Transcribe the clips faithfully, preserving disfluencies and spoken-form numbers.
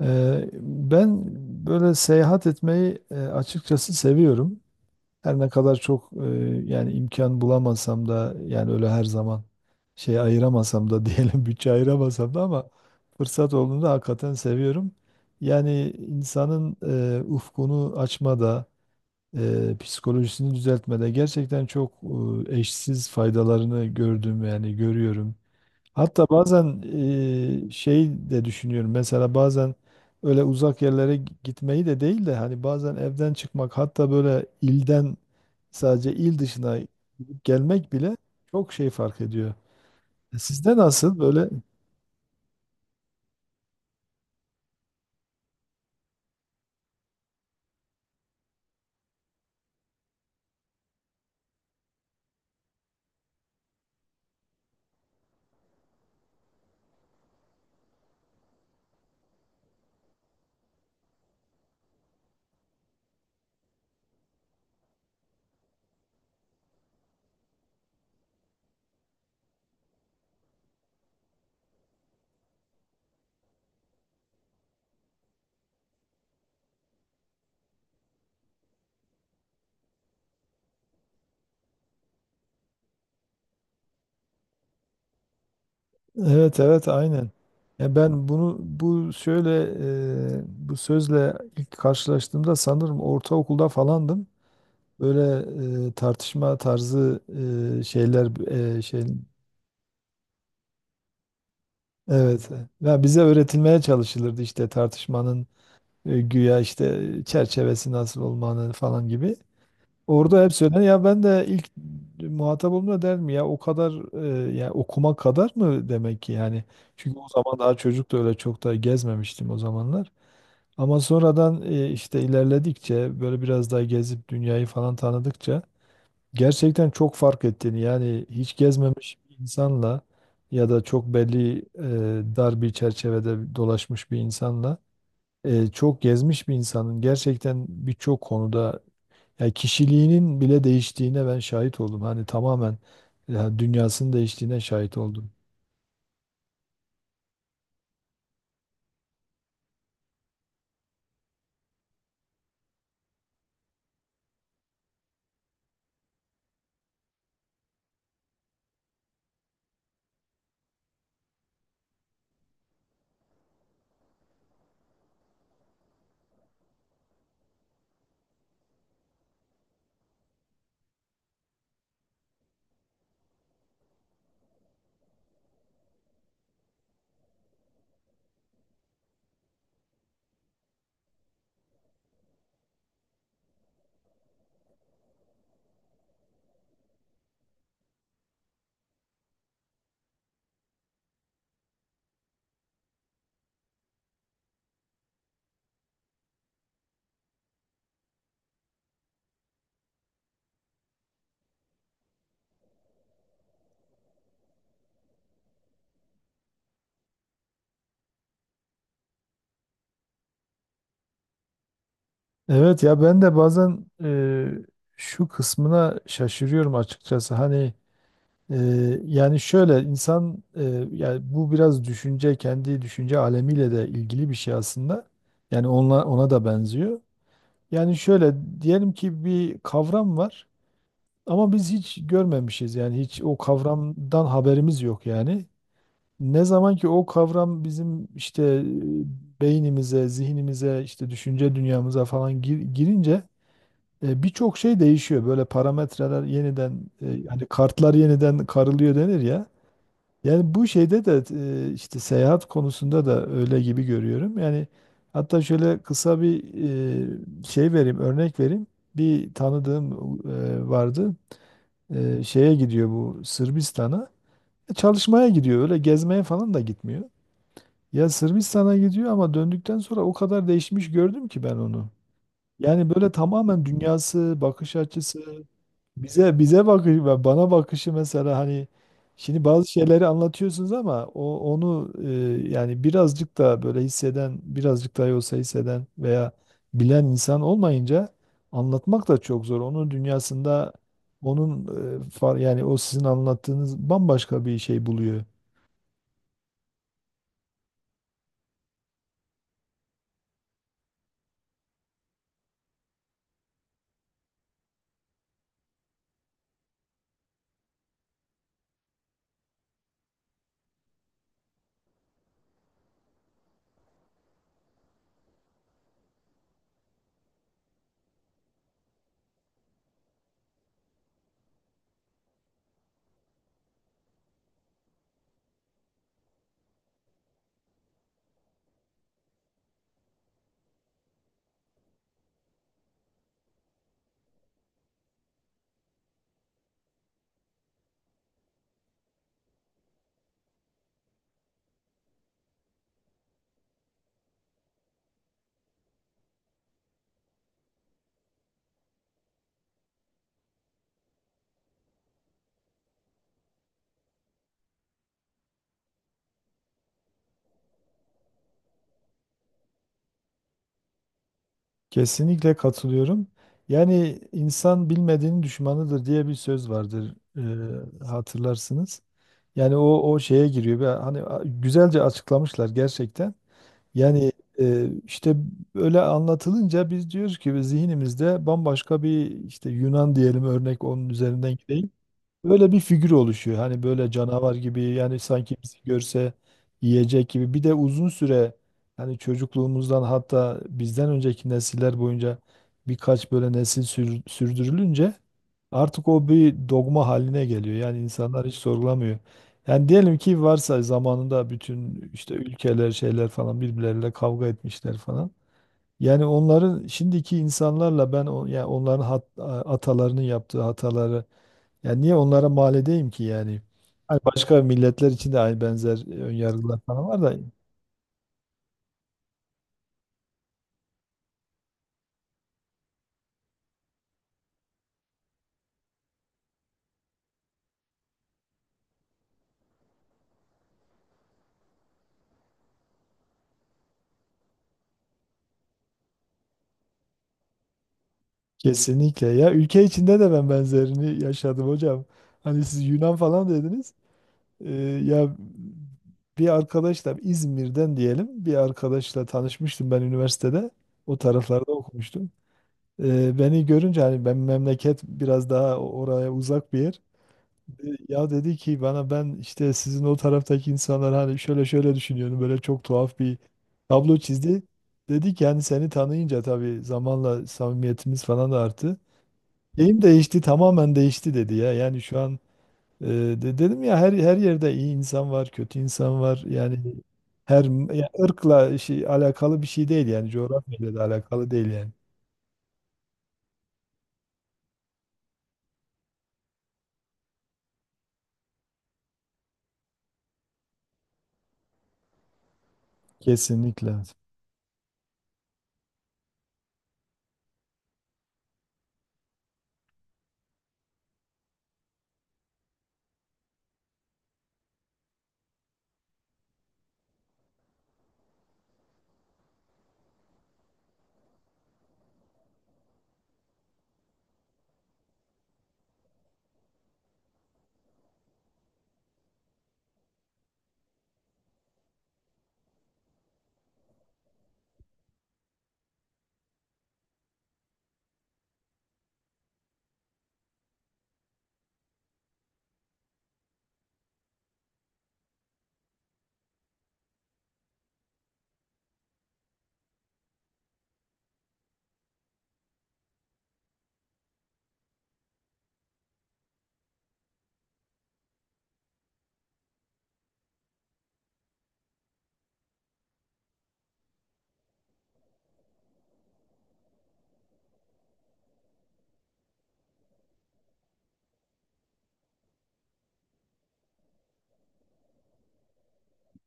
Eee, ben böyle seyahat etmeyi e, açıkçası seviyorum. Her ne kadar çok e, yani imkan bulamasam da yani öyle her zaman şey ayıramasam da diyelim bütçe ayıramasam da ama fırsat olduğunda hakikaten seviyorum. Yani insanın e, ufkunu açmada, e, psikolojisini düzeltmede gerçekten çok e, eşsiz faydalarını gördüm yani görüyorum. Hatta bazen e, şey de düşünüyorum. Mesela bazen öyle uzak yerlere gi- gitmeyi de değil de hani bazen evden çıkmak hatta böyle ilden sadece il dışına gidip gelmek bile çok şey fark ediyor. E, Sizde nasıl böyle? Evet evet aynen. Ya ben bunu bu şöyle e, bu sözle ilk karşılaştığımda sanırım ortaokulda falandım. Böyle e, tartışma tarzı e, şeyler e, şey evet. Ya bize öğretilmeye çalışılırdı işte tartışmanın e, güya işte çerçevesi nasıl olmanın falan gibi. Orada hep söylenen ya ben de ilk muhatap olduğumda der mi ya o kadar e, ya okuma kadar mı demek ki yani çünkü o zaman daha çocuk da öyle çok da gezmemiştim o zamanlar ama sonradan e, işte ilerledikçe böyle biraz daha gezip dünyayı falan tanıdıkça gerçekten çok fark ettiğini yani hiç gezmemiş bir insanla ya da çok belli e, dar bir çerçevede dolaşmış bir insanla e, çok gezmiş bir insanın gerçekten birçok konuda yani kişiliğinin bile değiştiğine ben şahit oldum. Hani tamamen ya dünyasının değiştiğine şahit oldum. Evet ya ben de bazen e, şu kısmına şaşırıyorum açıkçası. Hani e, yani şöyle insan e, yani bu biraz düşünce kendi düşünce alemiyle de ilgili bir şey aslında. Yani ona, ona da benziyor. Yani şöyle diyelim ki bir kavram var ama biz hiç görmemişiz. Yani hiç o kavramdan haberimiz yok yani. Ne zaman ki o kavram bizim işte e, beynimize, zihnimize, işte düşünce dünyamıza falan gir- girince e, birçok şey değişiyor. Böyle parametreler yeniden, e, hani kartlar yeniden karılıyor denir ya. Yani bu şeyde de e, işte seyahat konusunda da öyle gibi görüyorum. Yani hatta şöyle kısa bir e, şey vereyim, örnek vereyim. Bir tanıdığım e, vardı. E, Şeye gidiyor bu Sırbistan'a. E, Çalışmaya gidiyor. Öyle gezmeye falan da gitmiyor. Ya Sırbistan'a gidiyor ama döndükten sonra o kadar değişmiş gördüm ki ben onu. Yani böyle tamamen dünyası, bakış açısı, bize bize bakışı ve bana bakışı mesela hani şimdi bazı şeyleri anlatıyorsunuz ama o onu e, yani birazcık da böyle hisseden, birazcık da olsa hisseden veya bilen insan olmayınca anlatmak da çok zor. Onun dünyasında onun e, far- yani o sizin anlattığınız bambaşka bir şey buluyor. Kesinlikle katılıyorum. Yani insan bilmediğinin düşmanıdır diye bir söz vardır, e, hatırlarsınız. Yani o o şeye giriyor. Ve hani a- güzelce açıklamışlar gerçekten. Yani e, işte öyle anlatılınca biz diyoruz ki biz zihnimizde bambaşka bir işte Yunan diyelim örnek onun üzerinden gideyim. Böyle bir figür oluşuyor. Hani böyle canavar gibi yani sanki bizi görse yiyecek gibi. Bir de uzun süre hani çocukluğumuzdan hatta bizden önceki nesiller boyunca birkaç böyle nesil sür- sürdürülünce artık o bir dogma haline geliyor. Yani insanlar hiç sorgulamıyor. Yani diyelim ki varsa zamanında bütün işte ülkeler şeyler falan birbirleriyle kavga etmişler falan. Yani onların şimdiki insanlarla ben o- yani onların hat- atalarının yaptığı hataları yani niye onlara mal edeyim ki yani? Hani başka milletler için de aynı benzer e, önyargılar falan var da kesinlikle ya ülke içinde de ben benzerini yaşadım hocam. Hani siz Yunan falan dediniz. Ee, ya bir arkadaşla İzmir'den diyelim bir arkadaşla tanışmıştım ben üniversitede. O taraflarda okumuştum. Ee, beni görünce hani ben memleket biraz daha oraya uzak bir yer. Ya dedi ki bana ben işte sizin o taraftaki insanlar hani şöyle şöyle düşünüyorum böyle çok tuhaf bir tablo çizdi. Dedi ki yani seni tanıyınca tabii zamanla samimiyetimiz falan da arttı. Şeyim değişti tamamen değişti dedi ya. Yani şu an e, de- dedim ya her her yerde iyi insan var, kötü insan var. Yani her ya ırkla şey, alakalı bir şey değil yani coğrafyayla da alakalı değil yani. Kesinlikle.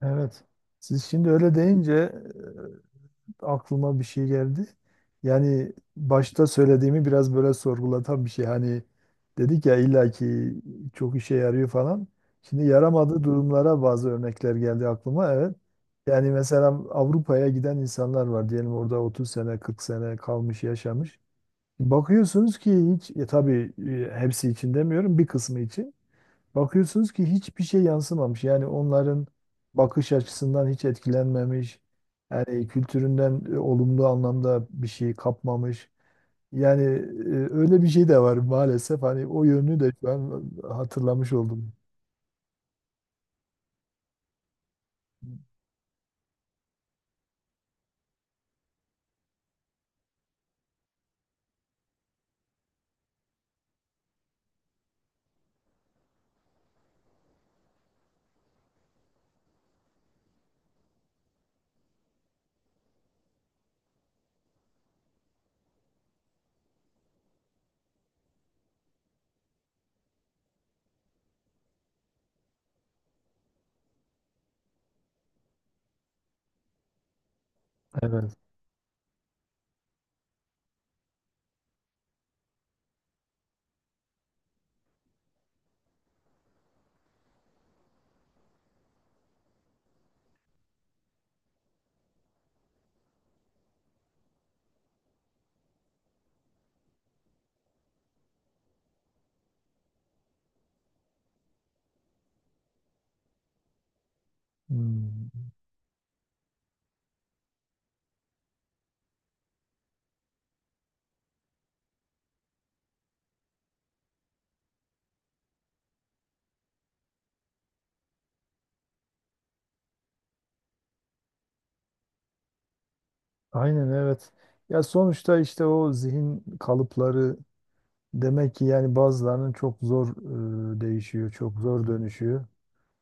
Evet. Siz şimdi öyle deyince aklıma bir şey geldi. Yani başta söylediğimi biraz böyle sorgulatan bir şey. Hani dedik ya illaki çok işe yarıyor falan. Şimdi yaramadığı durumlara bazı örnekler geldi aklıma. Evet. Yani mesela Avrupa'ya giden insanlar var. Diyelim orada otuz sene, kırk sene kalmış, yaşamış. Bakıyorsunuz ki hiç, e, tabii e, hepsi için demiyorum, bir kısmı için. Bakıyorsunuz ki hiçbir şey yansımamış. Yani onların bakış açısından hiç etkilenmemiş. Yani kültüründen e, olumlu anlamda bir şey kapmamış. Yani e, öyle bir şey de var maalesef. Hani o yönünü de şu an e, hatırlamış oldum. Evet. Hmm. Aynen evet. Ya sonuçta işte o zihin kalıpları demek ki yani bazılarının çok zor e, değişiyor, çok zor dönüşüyor.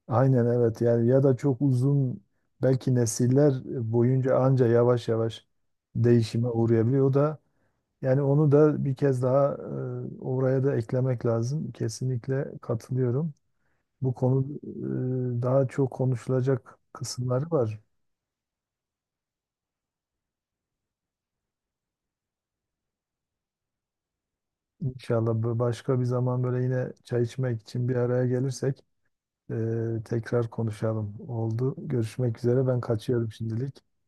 Aynen evet yani ya da çok uzun belki nesiller boyunca anca yavaş yavaş değişime uğrayabiliyor. O da yani onu da bir kez daha e, oraya da eklemek lazım. Kesinlikle katılıyorum. Bu konu e, daha çok konuşulacak kısımları var. İnşallah bu- başka bir zaman böyle yine çay içmek için bir araya gelirsek e, tekrar konuşalım. Oldu. Görüşmek üzere. Ben kaçıyorum şimdilik.